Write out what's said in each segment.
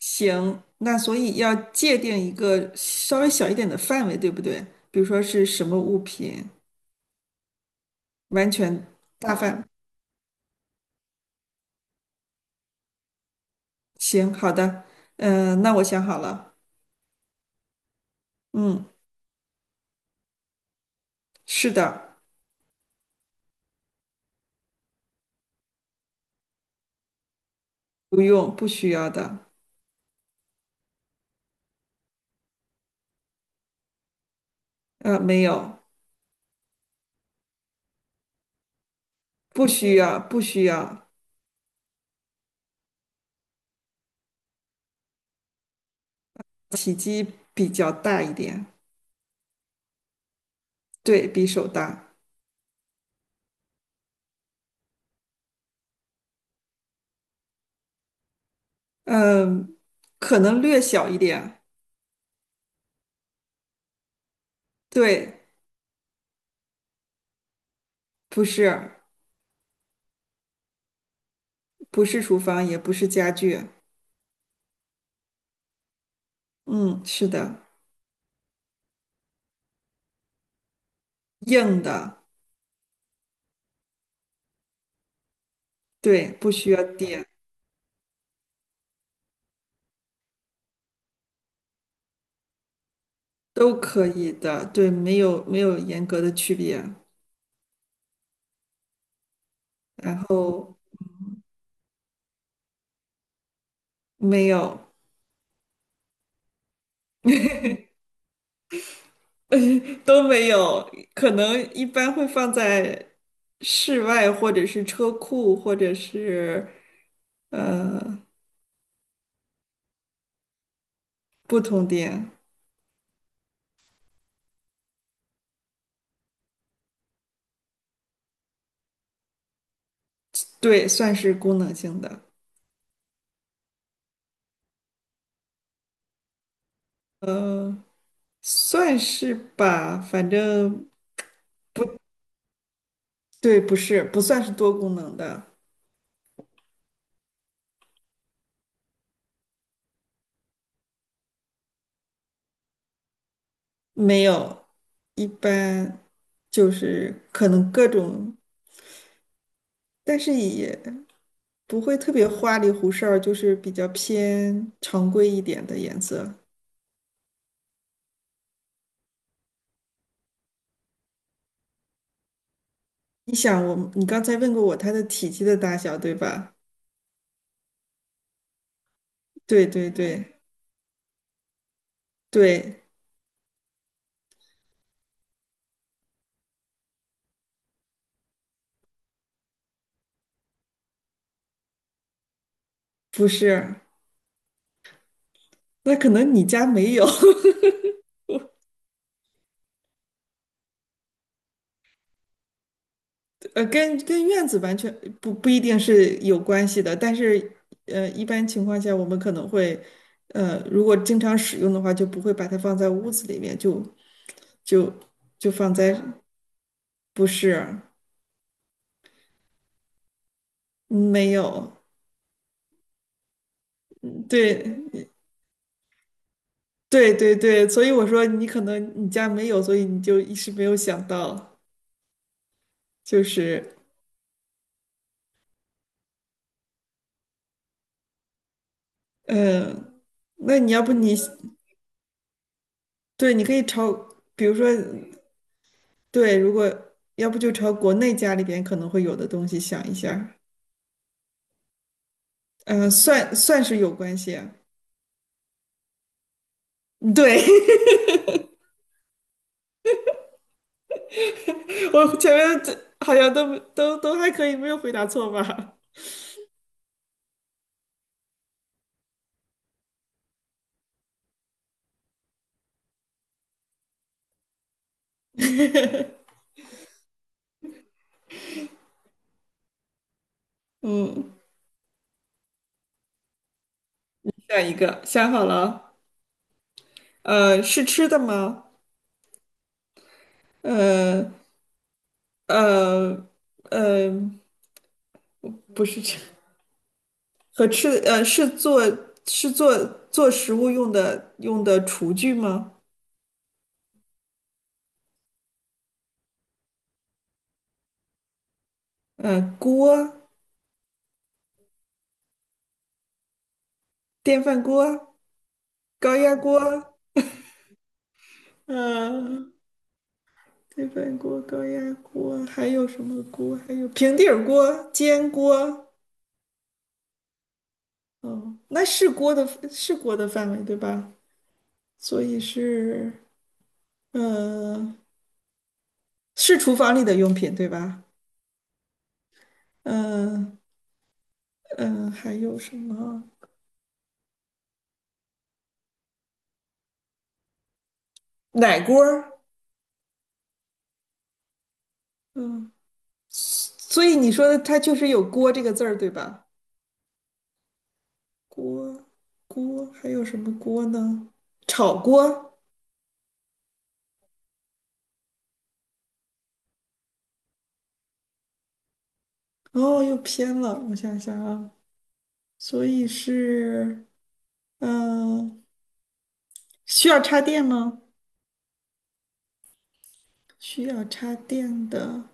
行，那所以要界定一个稍微小一点的范围，对不对？比如说是什么物品，完全大范。行，好的，那我想好了。嗯，是的。不用，不需要的。没有。不需要，不需要。体积比较大一点。对，比手大。嗯、可能略小一点。对。不是，不是厨房，也不是家具。嗯，是的。硬的。对，不需要电都可以的。对，没有严格的区别。然后没有都没有，可能一般会放在室外或者是车库或者是呃不同店。对，算是功能性的。呃，算是吧，反正不对，不算是多功能的。没有，一般就是可能各种。但是也不会特别花里胡哨儿，就是比较偏常规一点的颜色。你想我，你刚才问过我它的体积的大小，对吧？对对对对。不是，那可能你家没有。呃，跟院子完全不一定是有关系的，但是呃，一般情况下我们可能会，呃，如果经常使用的话，就不会把它放在屋子里面，就就放在。不是。嗯没有。对对对对，所以我说你可能你家没有，所以你就一时没有想到。就是嗯，那你要不对，你可以朝，比如说对，如果要不就朝国内家里边可能会有的东西想一下。嗯，算是有关系啊。对，我前面这好像都还可以，没有回答错吧？嗯，下一个想好了。是吃的吗？呃呃呃。不是吃和吃，呃，是做做食物用的用的厨具吗？呃，锅、电饭锅、高压锅。嗯、电饭锅、高压锅，还有什么锅？还有平底儿锅、煎锅。哦，那是锅的，是锅的范围对吧？所以是，呃，是厨房里的用品对吧？嗯、嗯、还有什么？奶锅儿。嗯、所以你说的它就是有锅这个字儿，对吧？锅锅还有什么锅呢？炒锅。哦，又偏了，我想想啊。所以是嗯、呃需要插电吗？需要插电的，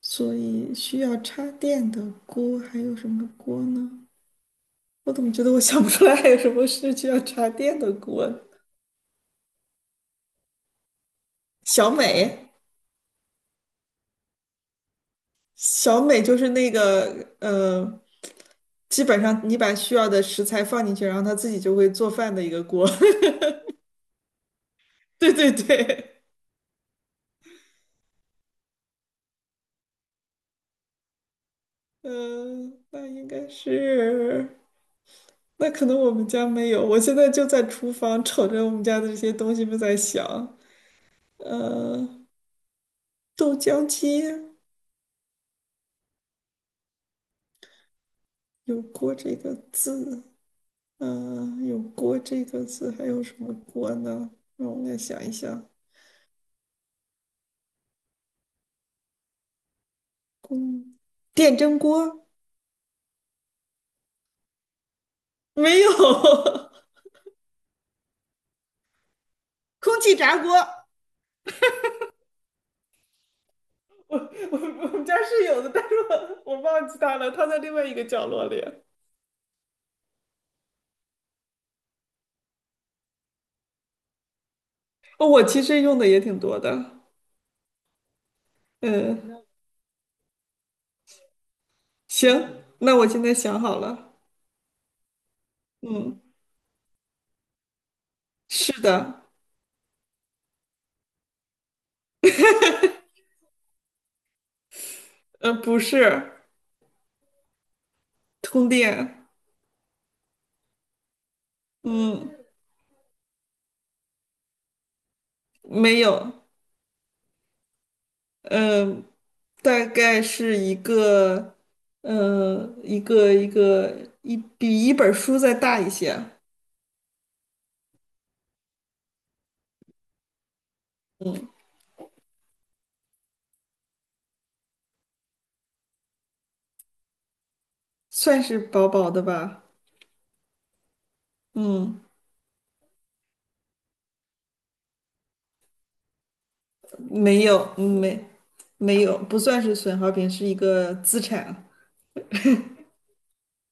所以需要插电的锅还有什么锅呢？我怎么觉得我想不出来还有什么是需要插电的锅？小美。小美就是那个基本上你把需要的食材放进去，然后它自己就会做饭的一个锅。对对对。嗯，那应该是，那可能我们家没有。我现在就在厨房瞅着我们家的这些东西们在想。呃，豆浆机有锅这个字。有锅这个字，还有什么锅呢？让我来想一想。空，电蒸锅。没有，空气炸锅。我我们家是有的，但是我我忘记它了，它在另外一个角落里。哦，我其实用的也挺多的。嗯，行，那我现在想好了。嗯，是的。不是。通电。嗯，没有。嗯，大概是一个，嗯，一个一比一本书再大一些。算是薄薄的吧。嗯。没有，没有，不算是损耗品，是一个资产。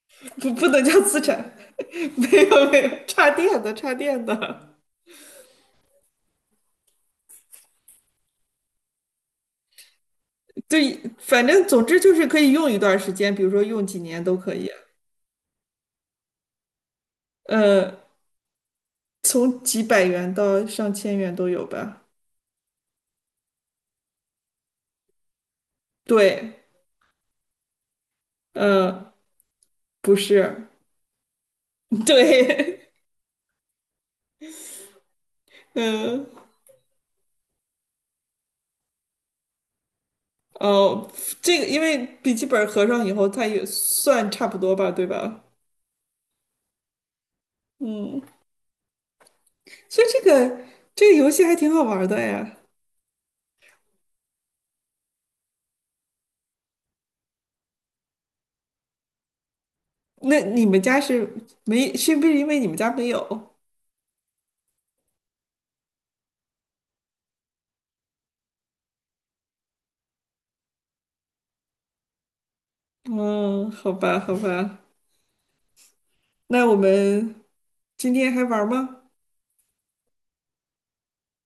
不能叫资产。没有没有，插电的，对，反正总之就是可以用一段时间，比如说用几年都可以。呃，从几百元到上千元都有吧。对。嗯，不是。对。嗯、哦，这个因为笔记本合上以后，它也算差不多吧，对吧？嗯。所以这个游戏还挺好玩的呀。那你们家是没，是不是因为你们家没有？嗯，好吧，好吧。那我们今天还玩吗？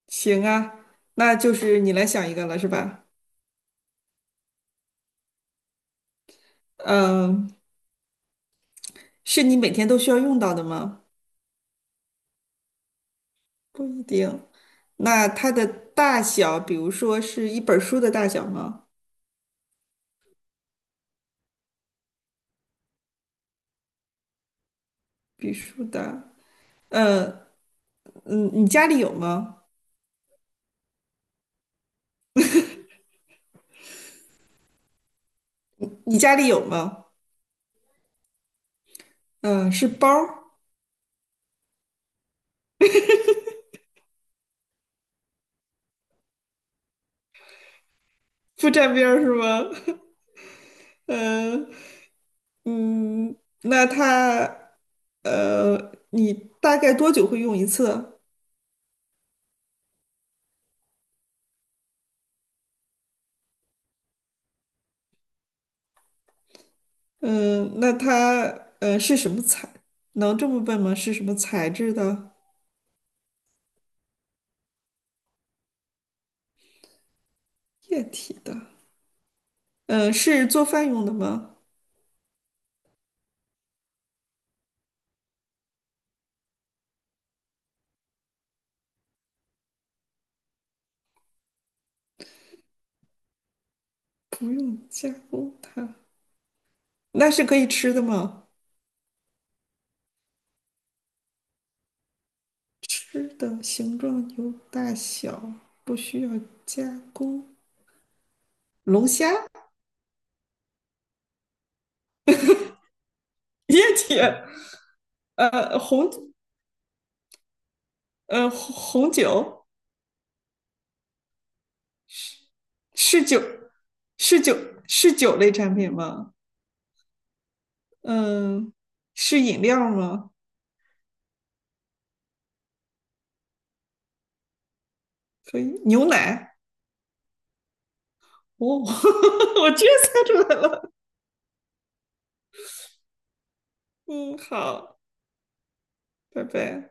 行啊，那就是你来想一个了，是吧？嗯，是你每天都需要用到的吗？不一定。那它的大小，比如说是一本书的大小吗？比书大。嗯。嗯，你家里有吗？你家里有吗？嗯，是包儿，不沾边儿是吗？嗯。嗯，那它，呃，你大概多久会用一次？嗯，那它，呃，是什么材？能这么问吗？是什么材质的？液体的？嗯，是做饭用的吗？不用加工它，那是可以吃的吗？吃的形状有大小，不需要加工。龙虾。液体。呃，红，呃，红酒。是酒，是酒，是酒类产品吗？嗯，是饮料吗？可以，牛奶。哦，我居然猜出来了。嗯，好，拜拜。